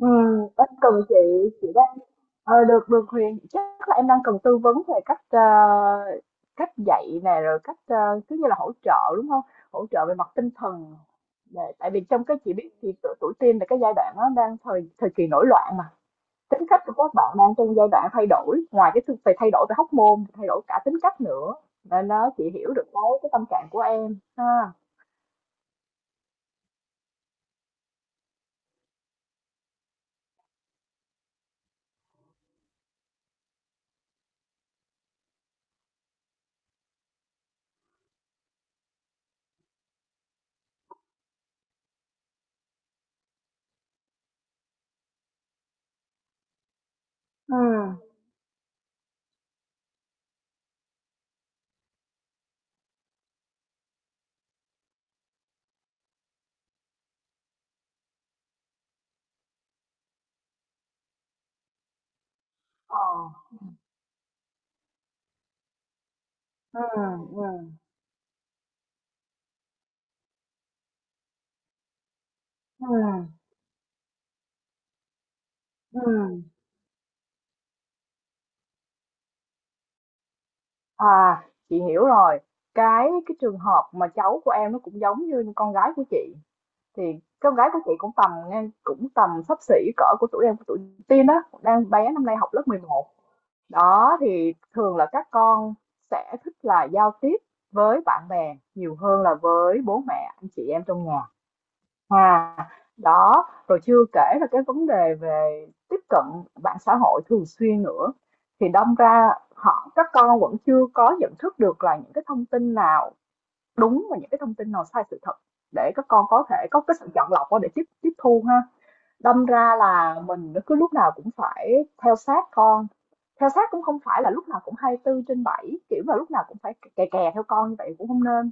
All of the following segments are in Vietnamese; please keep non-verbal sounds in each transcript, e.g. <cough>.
Ừm, em cần chị đang được được Huyền, chắc là em đang cần tư vấn về cách cách dạy này rồi cách cứ như là hỗ trợ, đúng không? Hỗ trợ về mặt tinh thần để, tại vì trong cái chị biết thì tuổi teen là cái giai đoạn nó đang thời thời kỳ nổi loạn mà, tính cách của các bạn đang trong giai đoạn thay đổi, ngoài phải thay đổi về hóc môn, thay đổi cả tính cách nữa, nên nó chị hiểu được cái tâm trạng của em ha. Ừ. Ờ. Ừ. Ừ. Ừ. Ừ. Ừ. À, chị hiểu rồi. Cái trường hợp mà cháu của em nó cũng giống như con gái của chị. Thì con gái của chị cũng tầm ngang cũng tầm xấp xỉ cỡ của tụi Tiên đó, đang bé năm nay học lớp 11. Đó thì thường là các con sẽ thích là giao tiếp với bạn bè nhiều hơn là với bố mẹ anh chị em trong nhà. À, đó, rồi chưa kể là cái vấn đề về tiếp cận mạng xã hội thường xuyên nữa. Thì đâm ra họ các con vẫn chưa có nhận thức được là những cái thông tin nào đúng và những cái thông tin nào sai sự thật để các con có thể có cái sự chọn lọc để tiếp tiếp thu ha. Đâm ra là mình cứ lúc nào cũng phải theo sát con, theo sát cũng không phải là lúc nào cũng 24/7, kiểu là lúc nào cũng phải kè kè theo con như vậy cũng không nên.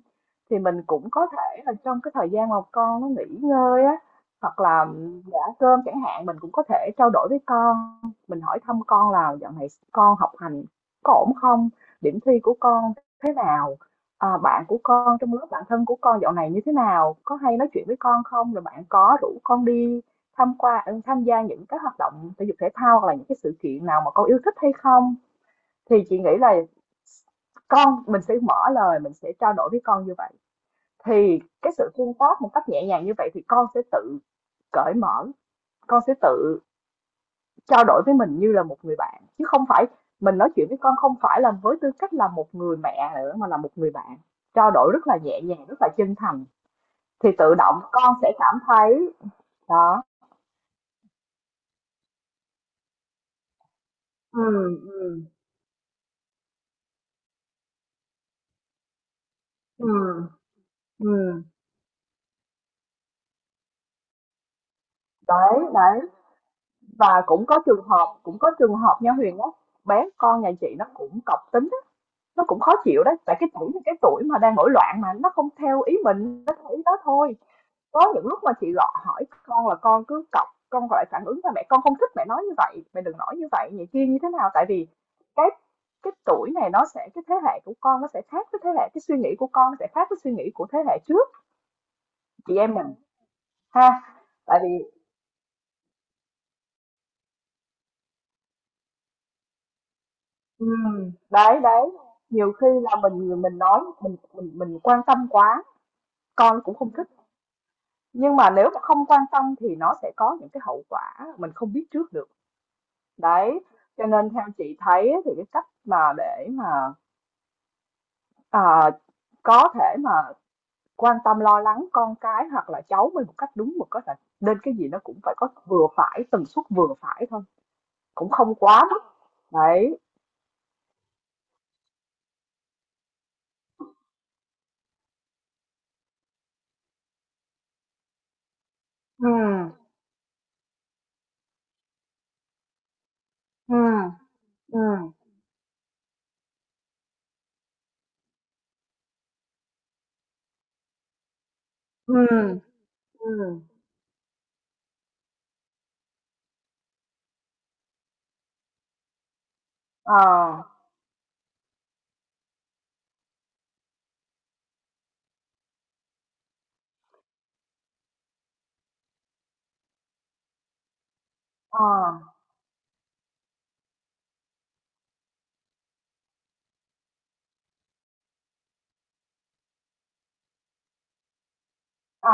Thì mình cũng có thể là trong cái thời gian mà con nó nghỉ ngơi á, hoặc là giả cơm chẳng hạn mình cũng có thể trao đổi với con, mình hỏi thăm con là dạo này con học hành có ổn không, điểm thi của con thế nào, à, bạn của con trong lớp, bạn thân của con dạo này như thế nào, có hay nói chuyện với con không, rồi bạn có rủ con đi tham gia những cái hoạt động thể dục thể thao hoặc là những cái sự kiện nào mà con yêu thích hay không? Thì chị nghĩ là con mình sẽ mở lời, mình sẽ trao đổi với con như vậy. Thì cái sự tương tác một cách nhẹ nhàng như vậy thì con sẽ tự cởi mở, con sẽ tự trao đổi với mình như là một người bạn, chứ không phải mình nói chuyện với con không phải là với tư cách là một người mẹ nữa mà là một người bạn. Trao đổi rất là nhẹ nhàng, rất là chân thành, thì tự động con sẽ cảm thấy đó. Ừ. Ừ. Ừ. Ừ. Đấy, đấy, và cũng có trường hợp nha Huyền á, bé con nhà chị nó cũng cọc tính á, nó cũng khó chịu đấy, tại cái tuổi mà đang nổi loạn mà, nó không theo ý mình, nó theo ý đó thôi. Có những lúc mà chị gọi hỏi con là con cứ cọc, con gọi phản ứng là mẹ con không thích mẹ nói như vậy, mẹ đừng nói như vậy, vậy kia như thế nào, tại vì cái cái tuổi này nó sẽ cái thế hệ của con nó sẽ khác với thế hệ cái suy nghĩ của con nó sẽ khác với suy nghĩ của thế hệ trước chị em mình ha, tại vì đấy, đấy, nhiều khi là mình nói mình quan tâm quá, con cũng không thích, nhưng mà nếu mà không quan tâm thì nó sẽ có những cái hậu quả mình không biết trước được. Đấy, cho nên theo chị thấy thì cái cách mà để mà, ờ, có thể mà quan tâm lo lắng con cái hoặc là cháu mình một cách đúng mực á là nên cái gì nó cũng phải có vừa phải, tần suất vừa phải thôi, cũng không quá mức. Đấy. Ừm. Ừm. Ừm. Ừm. Ừm. Ờ. Ờ, ờ,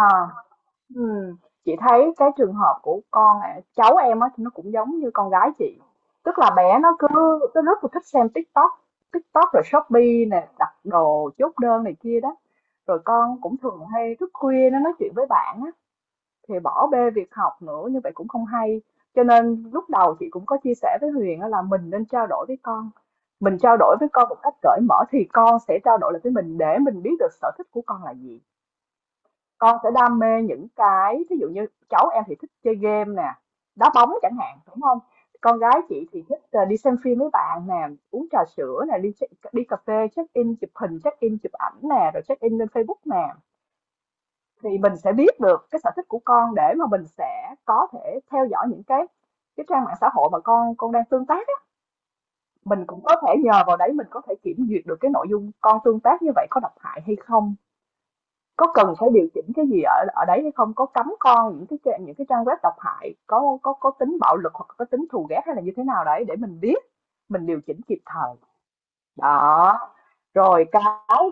ừm, chị thấy cái trường hợp của con ạ, cháu em á thì nó cũng giống như con gái chị, tức là bé nó cứ nó rất là thích xem TikTok TikTok rồi Shopee nè, đặt đồ chốt đơn này kia đó, rồi con cũng thường hay thức khuya nó nói chuyện với bạn á, thì bỏ bê việc học nữa như vậy cũng không hay, cho nên lúc đầu chị cũng có chia sẻ với Huyền á là mình nên trao đổi với con, mình trao đổi với con một cách cởi mở thì con sẽ trao đổi lại với mình để mình biết được sở thích của con là gì. Con sẽ đam mê những cái ví dụ như cháu em thì thích chơi game nè, đá bóng chẳng hạn, đúng không? Con gái chị thì thích, đi xem phim với bạn nè, uống trà sữa nè, đi đi cà phê, check-in chụp hình, check-in chụp ảnh nè, rồi check-in lên Facebook nè. Thì mình sẽ biết được cái sở thích của con để mà mình sẽ có thể theo dõi những cái trang mạng xã hội mà con đang tương tác á, mình cũng có thể nhờ vào đấy mình có thể kiểm duyệt được cái nội dung con tương tác như vậy có độc hại hay không. Có cần phải điều chỉnh cái gì ở ở đấy hay không? Có cấm con những cái trang web độc hại, có tính bạo lực hoặc có tính thù ghét hay là như thế nào đấy để mình biết, mình điều chỉnh kịp thời. Đó. Rồi cái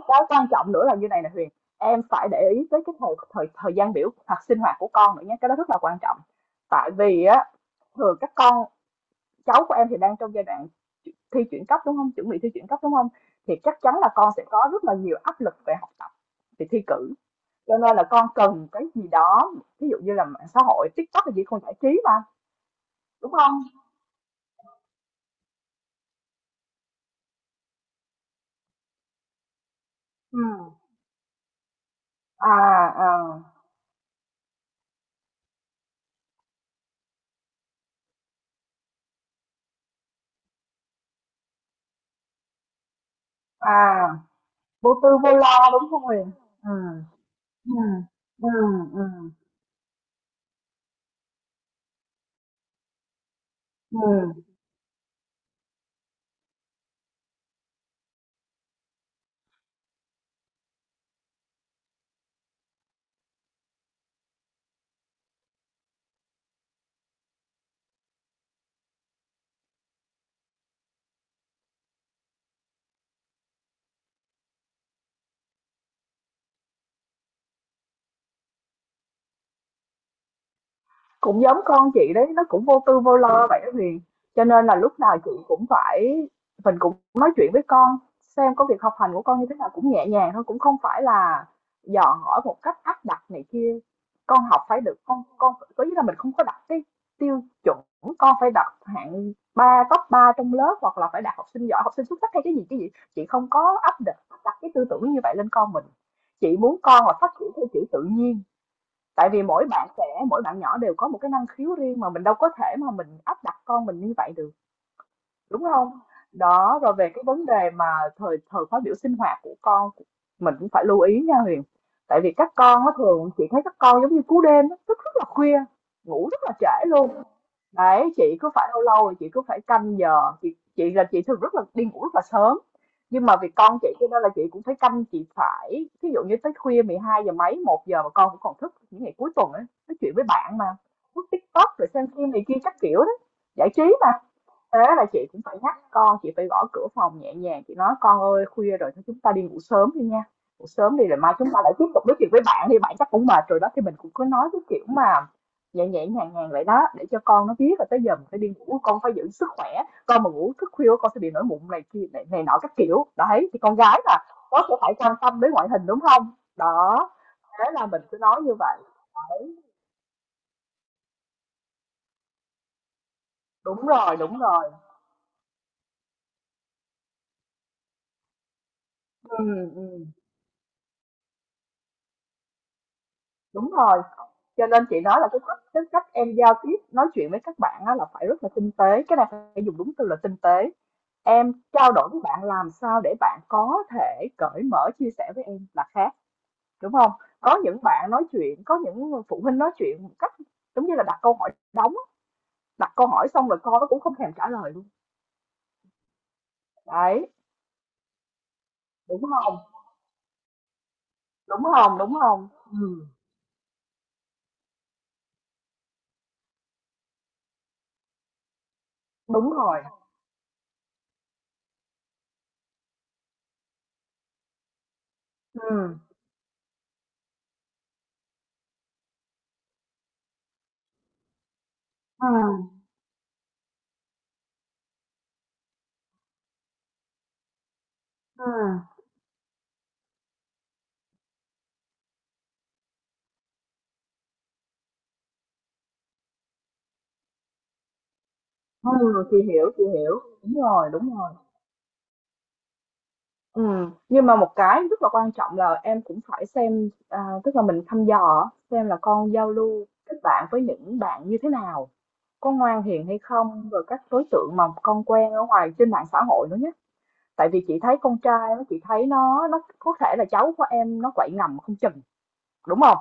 cái quan trọng nữa là như này nè Huyền, em phải để ý tới cái thời thời thời gian biểu hoặc sinh hoạt của con nữa nhé, cái đó rất là quan trọng. Tại vì á thường các con cháu của em thì đang trong giai đoạn thi chuyển cấp, đúng không? Chuẩn bị thi chuyển cấp, đúng không? Thì chắc chắn là con sẽ có rất là nhiều áp lực về học tập, về thi cử, cho nên là con cần cái gì đó ví dụ như là mạng xã hội TikTok là gì không giải trí mà, đúng không? Ừ. À. À. À. Vô tư vô lo, đúng không Huyền? Ừ. Ừ. Ừ. Ừ. Ừ. Cũng giống con chị đấy, nó cũng vô tư vô lo vậy đó Huyền. Cho nên là lúc nào chị cũng phải mình cũng nói chuyện với con, xem có việc học hành của con như thế nào cũng nhẹ nhàng thôi, cũng không phải là dò hỏi một cách áp đặt này kia. Con học phải được con có nghĩa là mình không có đặt cái tiêu chuẩn con phải đạt hạng ba top 3 trong lớp hoặc là phải đạt học sinh giỏi, học sinh xuất sắc hay cái gì cái gì. Chị không có áp đặt, đặt cái tư tưởng như vậy lên con mình. Chị muốn con là phát triển theo kiểu tự nhiên, tại vì mỗi bạn trẻ mỗi bạn nhỏ đều có một cái năng khiếu riêng mà mình đâu có thể mà mình áp đặt con mình như vậy được, đúng không? Đó, rồi về cái vấn đề mà thời thời khóa biểu sinh hoạt của con mình cũng phải lưu ý nha Huyền, tại vì các con nó thường chị thấy các con giống như cú đêm á, thức rất là khuya, ngủ rất là trễ luôn. Đấy, chị cứ phải lâu lâu rồi chị cứ phải canh giờ chị thường rất là đi ngủ rất là sớm, nhưng mà vì con chị cho nên là chị cũng phải canh, chị phải ví dụ như tới khuya 12 giờ mấy 1 giờ mà con cũng còn thức những ngày cuối tuần ấy nói chuyện với bạn mà, lướt TikTok rồi xem phim này kia các kiểu đó giải trí mà. Thế là chị cũng phải nhắc con, chị phải gõ cửa phòng nhẹ nhàng, chị nói con ơi khuya rồi thôi chúng ta đi ngủ sớm đi nha, ngủ sớm đi rồi mai chúng ta lại tiếp tục nói chuyện với bạn đi, bạn chắc cũng mệt rồi đó, thì mình cũng cứ nói cái kiểu mà nhẹ nhẹ nhàng nhàng vậy đó để cho con nó biết là tới giờ mình phải đi ngủ, con phải giữ sức khỏe, con mà ngủ thức khuya con sẽ bị nổi mụn này kia này, này nọ các kiểu đấy, thì con gái là nó sẽ phải quan tâm đến ngoại hình, đúng không? Đó, thế là mình cứ nói như vậy. Đấy. Đúng rồi, đúng rồi. Ừ, ừ. Đúng rồi. Cho nên chị nói là cái cách em giao tiếp, nói chuyện với các bạn á là phải rất là tinh tế, cái này phải dùng đúng từ là tinh tế. Em trao đổi với bạn làm sao để bạn có thể cởi mở chia sẻ với em là khác, đúng không? Có những bạn nói chuyện, có những phụ huynh nói chuyện một cách giống như là đặt câu hỏi đóng, đặt câu hỏi xong rồi con nó cũng không thèm trả lời luôn. Đấy, đúng không? Đúng không? Ừ, đúng rồi. Ừ. Ừ. Ừ. Ừ, chị hiểu, chị hiểu. Đúng rồi, đúng rồi. Ừ. Nhưng mà một cái rất là quan trọng là em cũng phải xem à, tức là mình thăm dò xem là con giao lưu kết bạn với những bạn như thế nào, có ngoan hiền hay không, rồi các đối tượng mà con quen ở ngoài trên mạng xã hội nữa nhé. Tại vì chị thấy con trai nó, chị thấy nó có thể là cháu của em nó quậy ngầm không chừng, đúng không?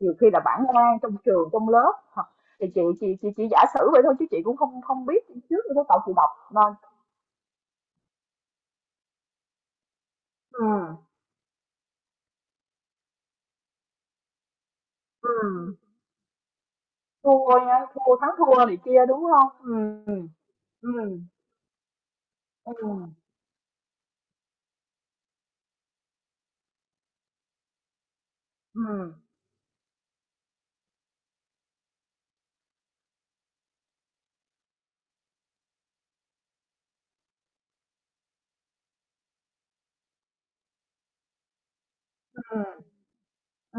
Nhiều khi là bản ngoan trong trường trong lớp hoặc thì chị chỉ giả sử vậy thôi chứ chị cũng không không biết trước đâu, cậu chị đọc nên ừ. Ừ. Thua nhá, thua thắng thua này kia, đúng không? Ừ ừ ừ ừ ừ ừ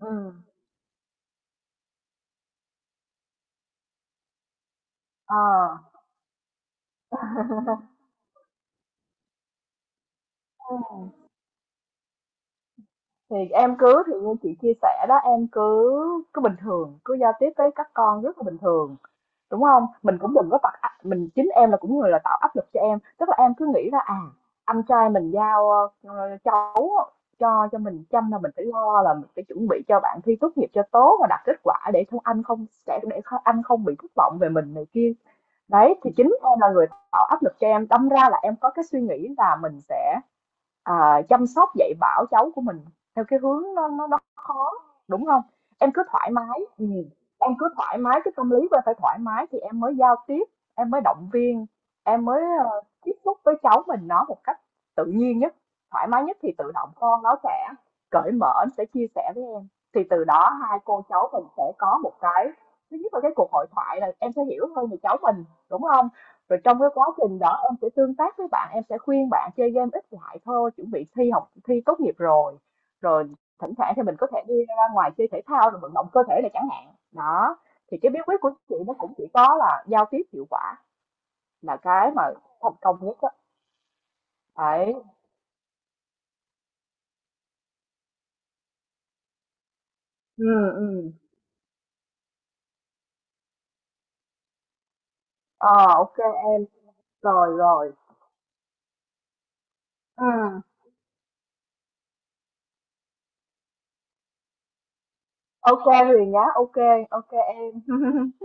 ừm, ờ, thì em cứ, thì như chị chia sẻ đó, em cứ cứ bình thường, cứ giao tiếp với các con rất là bình thường, đúng không? Mình cũng đừng có tạo áp, mình chính em là cũng người là tạo áp lực cho em, tức là em cứ nghĩ là, à, anh trai mình giao, ơ, cháu cho mình chăm, là mình phải lo là mình phải chuẩn bị cho bạn thi tốt nghiệp cho tốt và đạt kết quả để không anh không sẽ để kh anh không bị thất vọng về mình này kia. Đấy, thì chính em là người tạo áp lực cho em, đâm ra là em có cái suy nghĩ là mình sẽ, à, chăm sóc dạy bảo cháu của mình theo cái hướng nó đúng không? Em cứ thoải mái, em cứ thoải mái, cái tâm lý của em phải thoải mái thì em mới giao tiếp, em mới động viên, em mới tiếp xúc với cháu mình nó một cách tự nhiên nhất, thoải mái nhất, thì tự động con nó sẽ cởi mở, nó sẽ chia sẻ với em. Thì từ đó hai cô cháu mình sẽ có một cái, thứ nhất là cái cuộc hội thoại là em sẽ hiểu hơn về cháu mình, đúng không? Rồi trong cái quá trình đó em sẽ tương tác với bạn, em sẽ khuyên bạn chơi game ít lại thôi, chuẩn bị thi học thi tốt nghiệp rồi, rồi thỉnh thoảng thì mình có thể đi ngoài chơi thể thao rồi vận động cơ thể này chẳng hạn đó. Thì cái bí quyết của chị nó cũng chỉ có là giao tiếp hiệu quả là cái mà thành công nhất á. Đấy. Ừ. ừ ờ OK em. Rồi rồi. Ừ, OK Huyền nhá, OK OK em. <laughs>